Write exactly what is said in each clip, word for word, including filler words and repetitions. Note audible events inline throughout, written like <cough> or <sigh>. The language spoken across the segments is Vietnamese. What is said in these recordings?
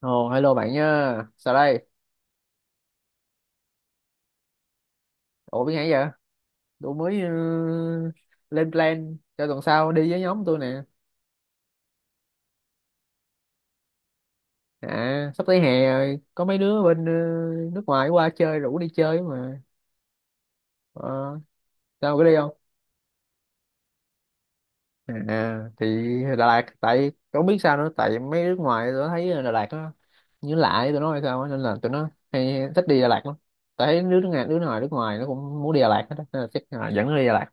Ồ, hello bạn nha. Sao đây? Ủa biết hay vậy? Tôi mới ờ, lên plan cho tuần sau đi với nhóm tôi nè. À, sắp tới hè rồi, có mấy đứa bên ờ, nước ngoài qua chơi rủ đi chơi mà. Ờ, sao có đi không? À, à, thì Đà Lạt, tại không biết sao nữa, tại mấy nước ngoài tôi thấy Đà Lạt nó như lạ với tụi nó hay sao á, nên là tụi nó hay thích đi Đà Lạt lắm. Tại thấy đứa nước ngoài, đứa ngoài nước ngoài nó cũng muốn đi Đà Lạt hết, á, nên là chắc là dẫn nó đi Đà Lạt.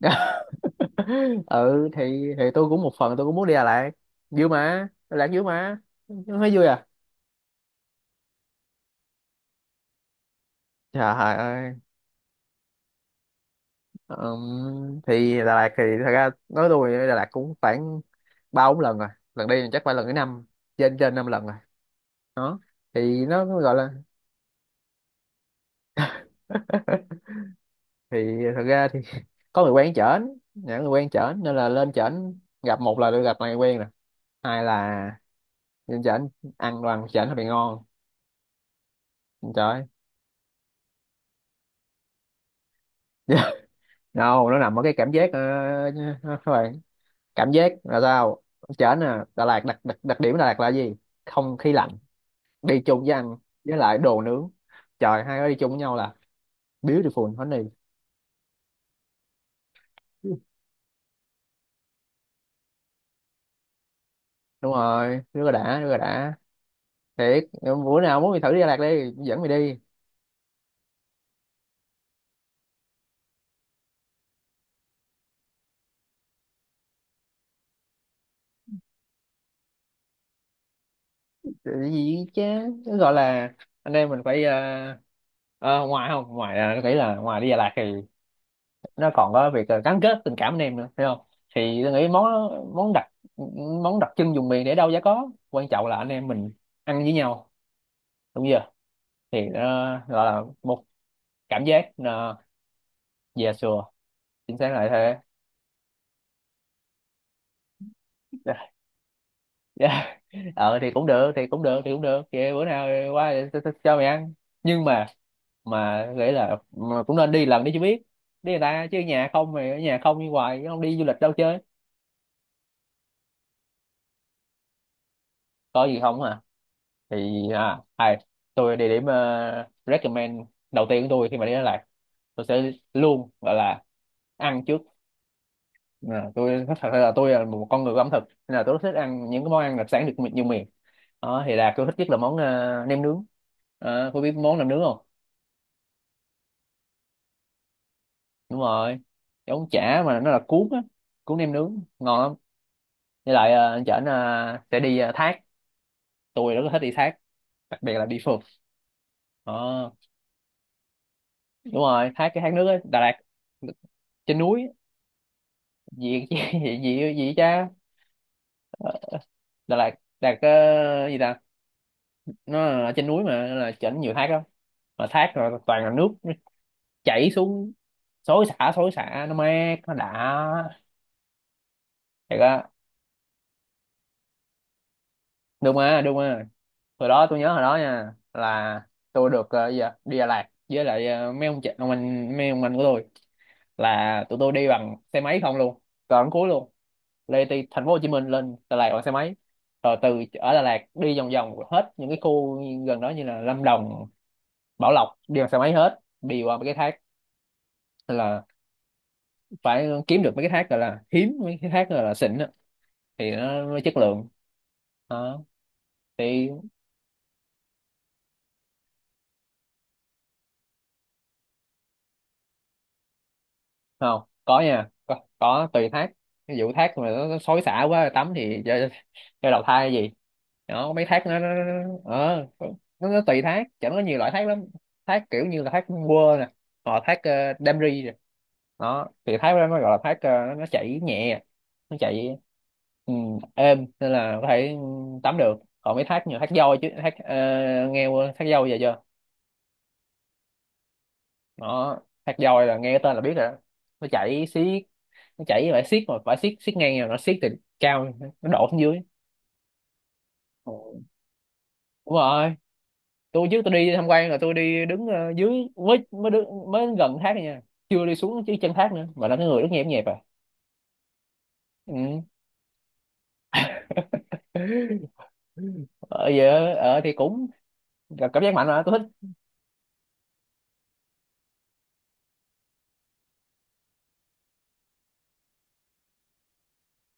<laughs> <laughs> Ừ thì thì tôi cũng một phần tôi cũng muốn đi Đà Lạt, vui mà, Đà Lạt vui mà, nó thấy vui à. Trời ơi. Ừm, thì Đà Lạt thì thật ra nói tôi đi Đà Lạt cũng khoảng ba bốn lần rồi, lần đi chắc phải lần thứ năm, trên trên năm lần rồi đó. Thì nó nó gọi là, thì thật ra thì <laughs> có người quen chởnh, những người quen chởnh nên là lên chởnh gặp, một là được gặp người quen nè, hai là lên chởnh ăn đoàn chởnh hơi bị ngon. Trời ơi. <laughs> No nó nằm ở cái cảm giác, uh, cảm giác là sao, chở nè. Đà Lạt đặc, đặc đặc điểm Đà Lạt là gì? Không khí lạnh đi chung với ăn, với lại đồ nướng, trời, hai cái đi chung với nhau là beautiful honey. Đúng rồi, rất là đã, rất là đã thiệt. Bữa nào muốn mày thử đi Đà Lạt đi, dẫn mày đi. Cái gì chứ? Nó gọi là anh em mình phải ờ, ờ, ngoài, không, ngoài là nó nghĩ là, ngoài đi Đà Lạt thì nó còn có việc ờ, gắn kết tình cảm anh em nữa, phải không? Thì tôi nghĩ món món đặc món đặc trưng vùng miền để đâu giá có quan trọng, là anh em mình ăn với nhau, đúng chưa? Thì nó gọi là một cảm giác, là dè sùa. Chính xác là thế. <laughs> Dạ. Ờ thì cũng được thì cũng được thì cũng được, vậy bữa nào qua để tôi- tôi cho mày ăn. Nhưng mà mà nghĩ là mà cũng nên đi lần đi cho biết, đi người ta chứ, nhà không, mày ở nhà không đi hoài, không đi du lịch đâu chơi. Có gì không à? Thì à, ai, tôi địa điểm ờ, recommend đầu tiên của tôi khi mà đến Đà Lạt, tôi sẽ luôn gọi là ăn trước. À, tôi thật sự là tôi là một con người của ẩm thực, nên là tôi rất thích ăn những cái món ăn đặc sản được mi- nhiều miền đó, thì là tôi thích nhất là món ờ, nem nướng. Ờ, cô biết món nem nướng không? Đúng rồi, giống chả mà nó là cuốn á, cuốn nem nướng ngon lắm. Với lại ờ, anh chở ờ, sẽ đi ờ, thác. Tôi rất là thích đi thác, đặc biệt là đi phượt. Ờ, đúng rồi, thác, cái thác nước á Đà Lạt, trên núi, gì gì gì gì gì cha. Đà Lạt, Đà Lạt <laughs> ờ, gì ta, nó ở trên núi mà, nên là chỉnh nhiều thác lắm, mà thác rồi toàn là nước, nó chảy xuống xối xả, xối xả, nó mát, nó đã thiệt á. Đúng mà, đúng mà, hồi đó tôi nhớ hồi đó nha, là tôi được ờ, gì ạ, đi Đà Lạt với lại ờ, mấy ông chị ông anh mấy ông anh của tôi, là tụi tôi đi bằng xe máy không luôn, còn cuối luôn, lê từ thành phố Hồ Chí Minh lên Đà Lạt bằng xe máy, rồi từ ở Đà Lạt đi vòng vòng hết những cái khu gần đó, như là Lâm Đồng, Bảo Lộc, đi bằng xe máy hết, đi qua mấy cái thác. Tức là phải kiếm được mấy cái thác gọi là hiếm, mấy cái thác gọi là xịn á, thì nó mới chất lượng đó. Thì không có nha, có, có tùy thác, ví dụ thác mà nó, nó xối xả quá, tắm thì cho cho đầu thai gì đó. Mấy thác nó nó nó, nó, ờ, nó, nó tùy thác, chẳng có, nhiều loại thác lắm, thác kiểu như là thác quơ nè, hoặc là thác ờ, đam ri nè. Đó, thì thác đó mới gọi là thác ờ, nó chảy nhẹ, nó chảy ừ, êm, nên là có thể tắm được. Còn mấy thác như thác voi chứ, thác ờ, nghe qua thác voi giờ chưa? Đó, thác voi là nghe tên là biết rồi đó. Nó chảy xiết, nó chảy với bãi xiết, mà bãi xiết, xiết ngang rồi nó xiết từ cao nó đổ xuống dưới. Ồ, đúng rồi, tôi trước, tôi đi tham quan là tôi đi đứng ờ, dưới, mới mới đứng, mới gần thác thôi nha, chưa đi xuống chứ chân thác nữa, mà là cái người rất nhẹp nhẹp à. Ừ. <laughs> ờ Giờ ờ, thì cũng là cảm giác mạnh mà tôi thích.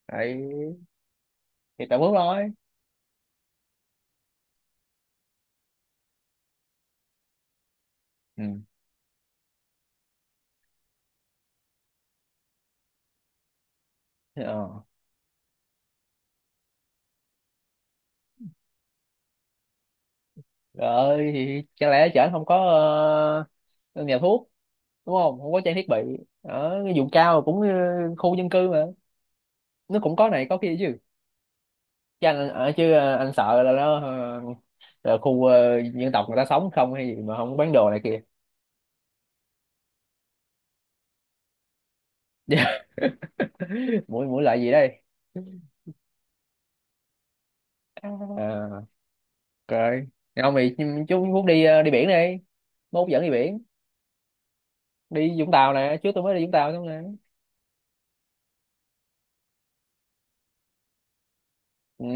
Đấy, thì tao muốn thôi. Ừ. Ờ. Rồi thì chẳng lẽ chở không có ờ, nhà thuốc, đúng không, không có trang thiết bị? Ở cái vùng cao cũng ờ, khu dân cư mà, nó cũng có này có kia chứ chứ anh ở chứ, ờ, anh sợ là nó ờ, là khu ờ, dân tộc, người ta sống không hay gì mà không bán đồ này kia. <laughs> Dạ. Mũi mũi lại gì đây? À, ok, ông thì, chú muốn đi ờ, đi biển đi, mốt dẫn đi biển, đi Vũng Tàu nè, trước tôi mới đi Vũng Tàu xong nè. Ừ.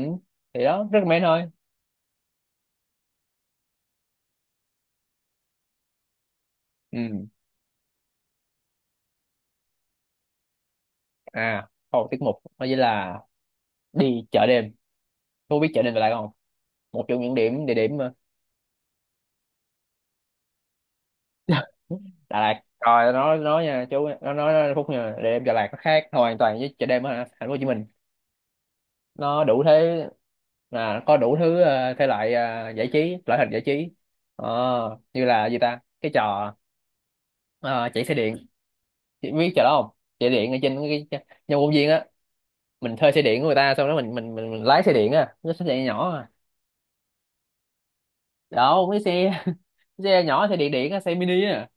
Thì đó rất mến thôi. Ừ. À, một tiết mục đó chính là đi chợ đêm. Cô biết chợ đêm là lại không? Một trong những điểm địa điểm ờ, <laughs> Đà Lạt coi nó nói nha, chú nó nói nó Phúc nha, để em, Đà Lạt nó khác hoàn toàn với chợ đêm ở thành phố Hồ Chí Minh. Nó đủ thế, là có đủ thứ ờ, thể loại ờ, giải trí loại hình giải trí. Ờ, như là gì ta, cái trò ờ, chạy xe điện. Chị biết trò đó không? Chạy điện ở trên cái cái- nhà công viên á, mình thuê xe điện của người ta xong đó, mình mình mình, mình lái xe điện á, nó xe điện nhỏ à. Đâu, cái xe, xe nhỏ, xe điện điện á, xe mini á,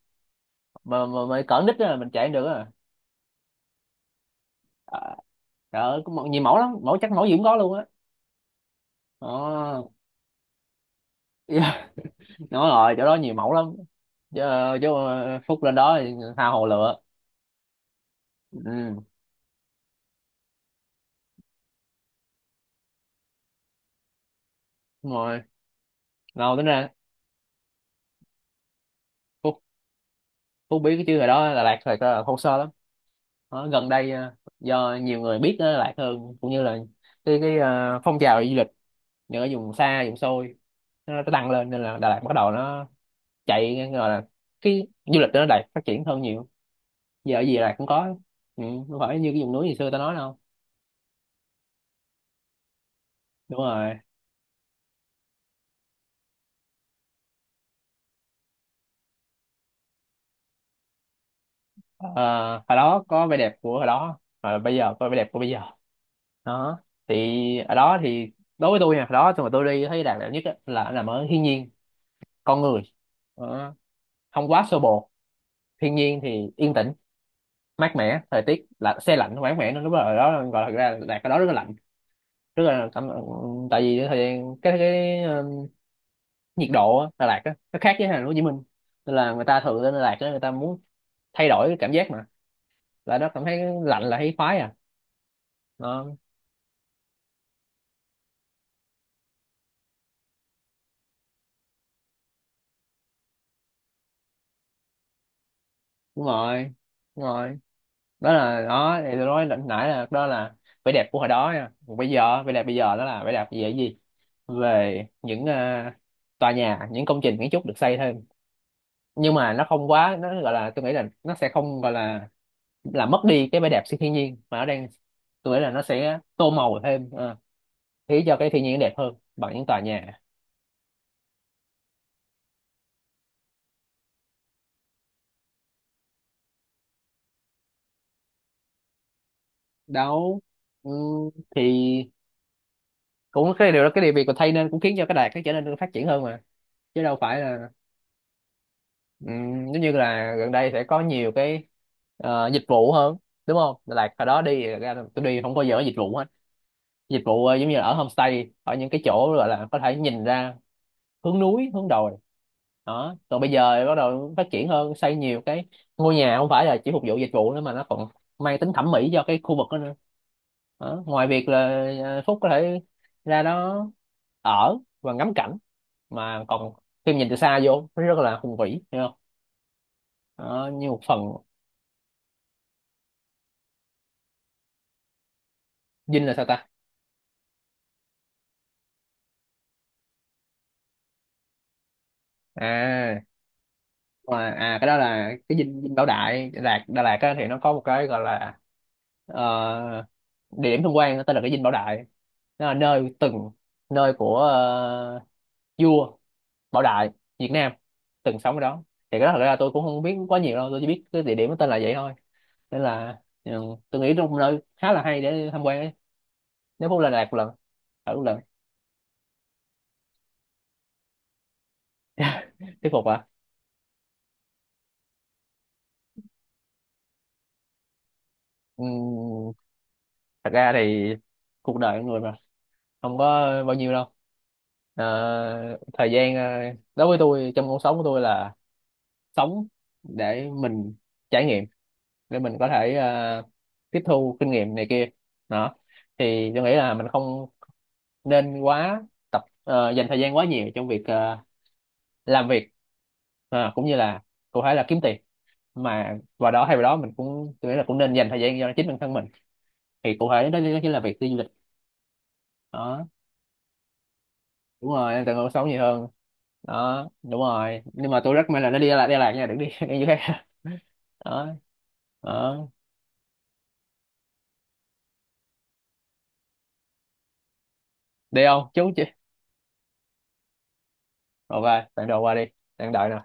mà mà, mà cỡ nít á, mình chạy không được á. À, trời ơi có mẫu- nhiều mẫu lắm, mẫu chắc mẫu gì cũng có luôn á. Ờ, <laughs> yeah. Đúng rồi, chỗ đó nhiều mẫu lắm. Chứ, ờ, chứ ờ, Phúc lên đó thì tha hồ lựa. Ừ, đúng rồi, lâu tính ra, Phúc, Phúc biết cái chứ, hồi đó Đà Lạt thật là thô sơ lắm. Ở gần đây ờ, do nhiều người biết Đà Lạt hơn, cũng như là cái cái ờ, phong trào du lịch những ở vùng xa vùng xôi nó nó tăng lên, nên là Đà Lạt bắt đầu nó chạy, gọi là cái du lịch ở Đà Lạt phát triển hơn nhiều. Giờ ở gì Đà Lạt cũng có. Ừ, không phải như cái vùng núi ngày xưa ta nói đâu. Đúng rồi. Ờ, hồi đó có vẻ đẹp của hồi đó, và bây giờ có vẻ đẹp của bây giờ đó. Thì ở đó thì đối với tôi nha, hồi đó tôi, mà tôi đi thấy đẹp, đẹp nhất á, là nằm ở thiên nhiên, con người. Đó, không quá xô bồ, thiên nhiên thì yên tĩnh, mát mẻ, thời tiết là se lạnh, mát mẻ, nó lúc đó ở đó gọi là, thực ra là Đà Lạt ở đó rất là lạnh, rất là cảm. Tại vì cái thời gian cái cái ờ, nhiệt độ á, Đà Lạt á, nó khác với thành phố Hồ Chí Minh, nên là người ta thường lên Đà Lạt á, người ta muốn thay đổi cái cảm giác, mà là nó cảm thấy lạnh là thấy khoái à. Đó, đúng rồi, đúng rồi. Đó là, đó thì tôi nói lần nãy là đó là vẻ đẹp của hồi đó nha. Còn bây giờ vẻ đẹp bây giờ, đó là vẻ đẹp về cái gì? Về những ờ, tòa nhà, những công trình kiến trúc được xây thêm. Nhưng mà nó không quá, nó gọi là, tôi nghĩ là nó sẽ không gọi là là mất đi cái vẻ đẹp sự thiên nhiên mà nó đang. Tôi nghĩ là nó sẽ tô màu thêm ờ, khiến cho cái thiên nhiên đẹp hơn bằng những tòa nhà. Đâu, ừ, thì cũng cái điều đó, cái điều việc của thay nên cũng khiến cho cái đài cái trở nên phát triển hơn mà, chứ đâu phải là. Ừm, giống như là gần đây sẽ có nhiều cái ờ, dịch vụ hơn, đúng không, là hồi đó đi ra là tôi đi không bao giờ có dịch vụ hết, dịch vụ ờ, giống như là ở homestay, ở những cái chỗ gọi là có thể nhìn ra hướng núi, hướng đồi đó. Còn bây giờ bắt đầu phát triển hơn, xây nhiều cái ngôi nhà không phải là chỉ phục vụ dịch vụ nữa, mà nó còn mang tính thẩm mỹ cho cái khu vực đó nữa đó. Ngoài việc là ờ, Phúc có thể ra đó ở và ngắm cảnh, mà còn khi nhìn từ xa vô nó rất là hùng vĩ đó, như một phần. Dinh là sao ta? À mà à Cái đó là cái dinh, dinh Bảo Đại, Đà Lạt, Đà Lạt á, thì nó có một cái gọi là ờ, địa điểm tham quan tên là cái dinh Bảo Đại. Nó là nơi từng, nơi của ờ, vua Bảo Đại Việt Nam từng sống ở đó. Thì cái đó thật ra tôi cũng không biết quá nhiều đâu, tôi chỉ biết cái địa điểm nó tên là vậy thôi, nên là ừ, tôi nghĩ trong nơi khá là hay để tham quan ấy. Nếu Phú lên Đà Lạt một lần, ở một lần. <laughs> Thuyết phục, à, thật ra thì cuộc đời con người mà không có bao nhiêu đâu. Ờ, thời gian ờ, đối với tôi trong cuộc sống của tôi là sống để mình trải nghiệm, để mình có thể ờ, tiếp thu kinh nghiệm này kia đó, thì tôi nghĩ là mình không nên quá tập ờ, dành thời gian quá nhiều trong việc ờ, làm việc. Ờ, cũng như là, cụ thể là kiếm tiền, mà vào đó, thay vào đó mình cũng, tôi nghĩ là cũng nên dành thời gian cho chính bản thân mình, thì cụ thể đó, đó chính là việc đi du lịch. Đó, đúng rồi, em tận hưởng sống nhiều hơn đó, đúng rồi, nhưng mà tôi rất may là nó đi Đà Lạt, Đà Lạt nha, đừng đi <laughs> đi chỗ khác đó, đó. Đi không chú chứ, rồi về bạn đồ qua đi, đang đợi nè.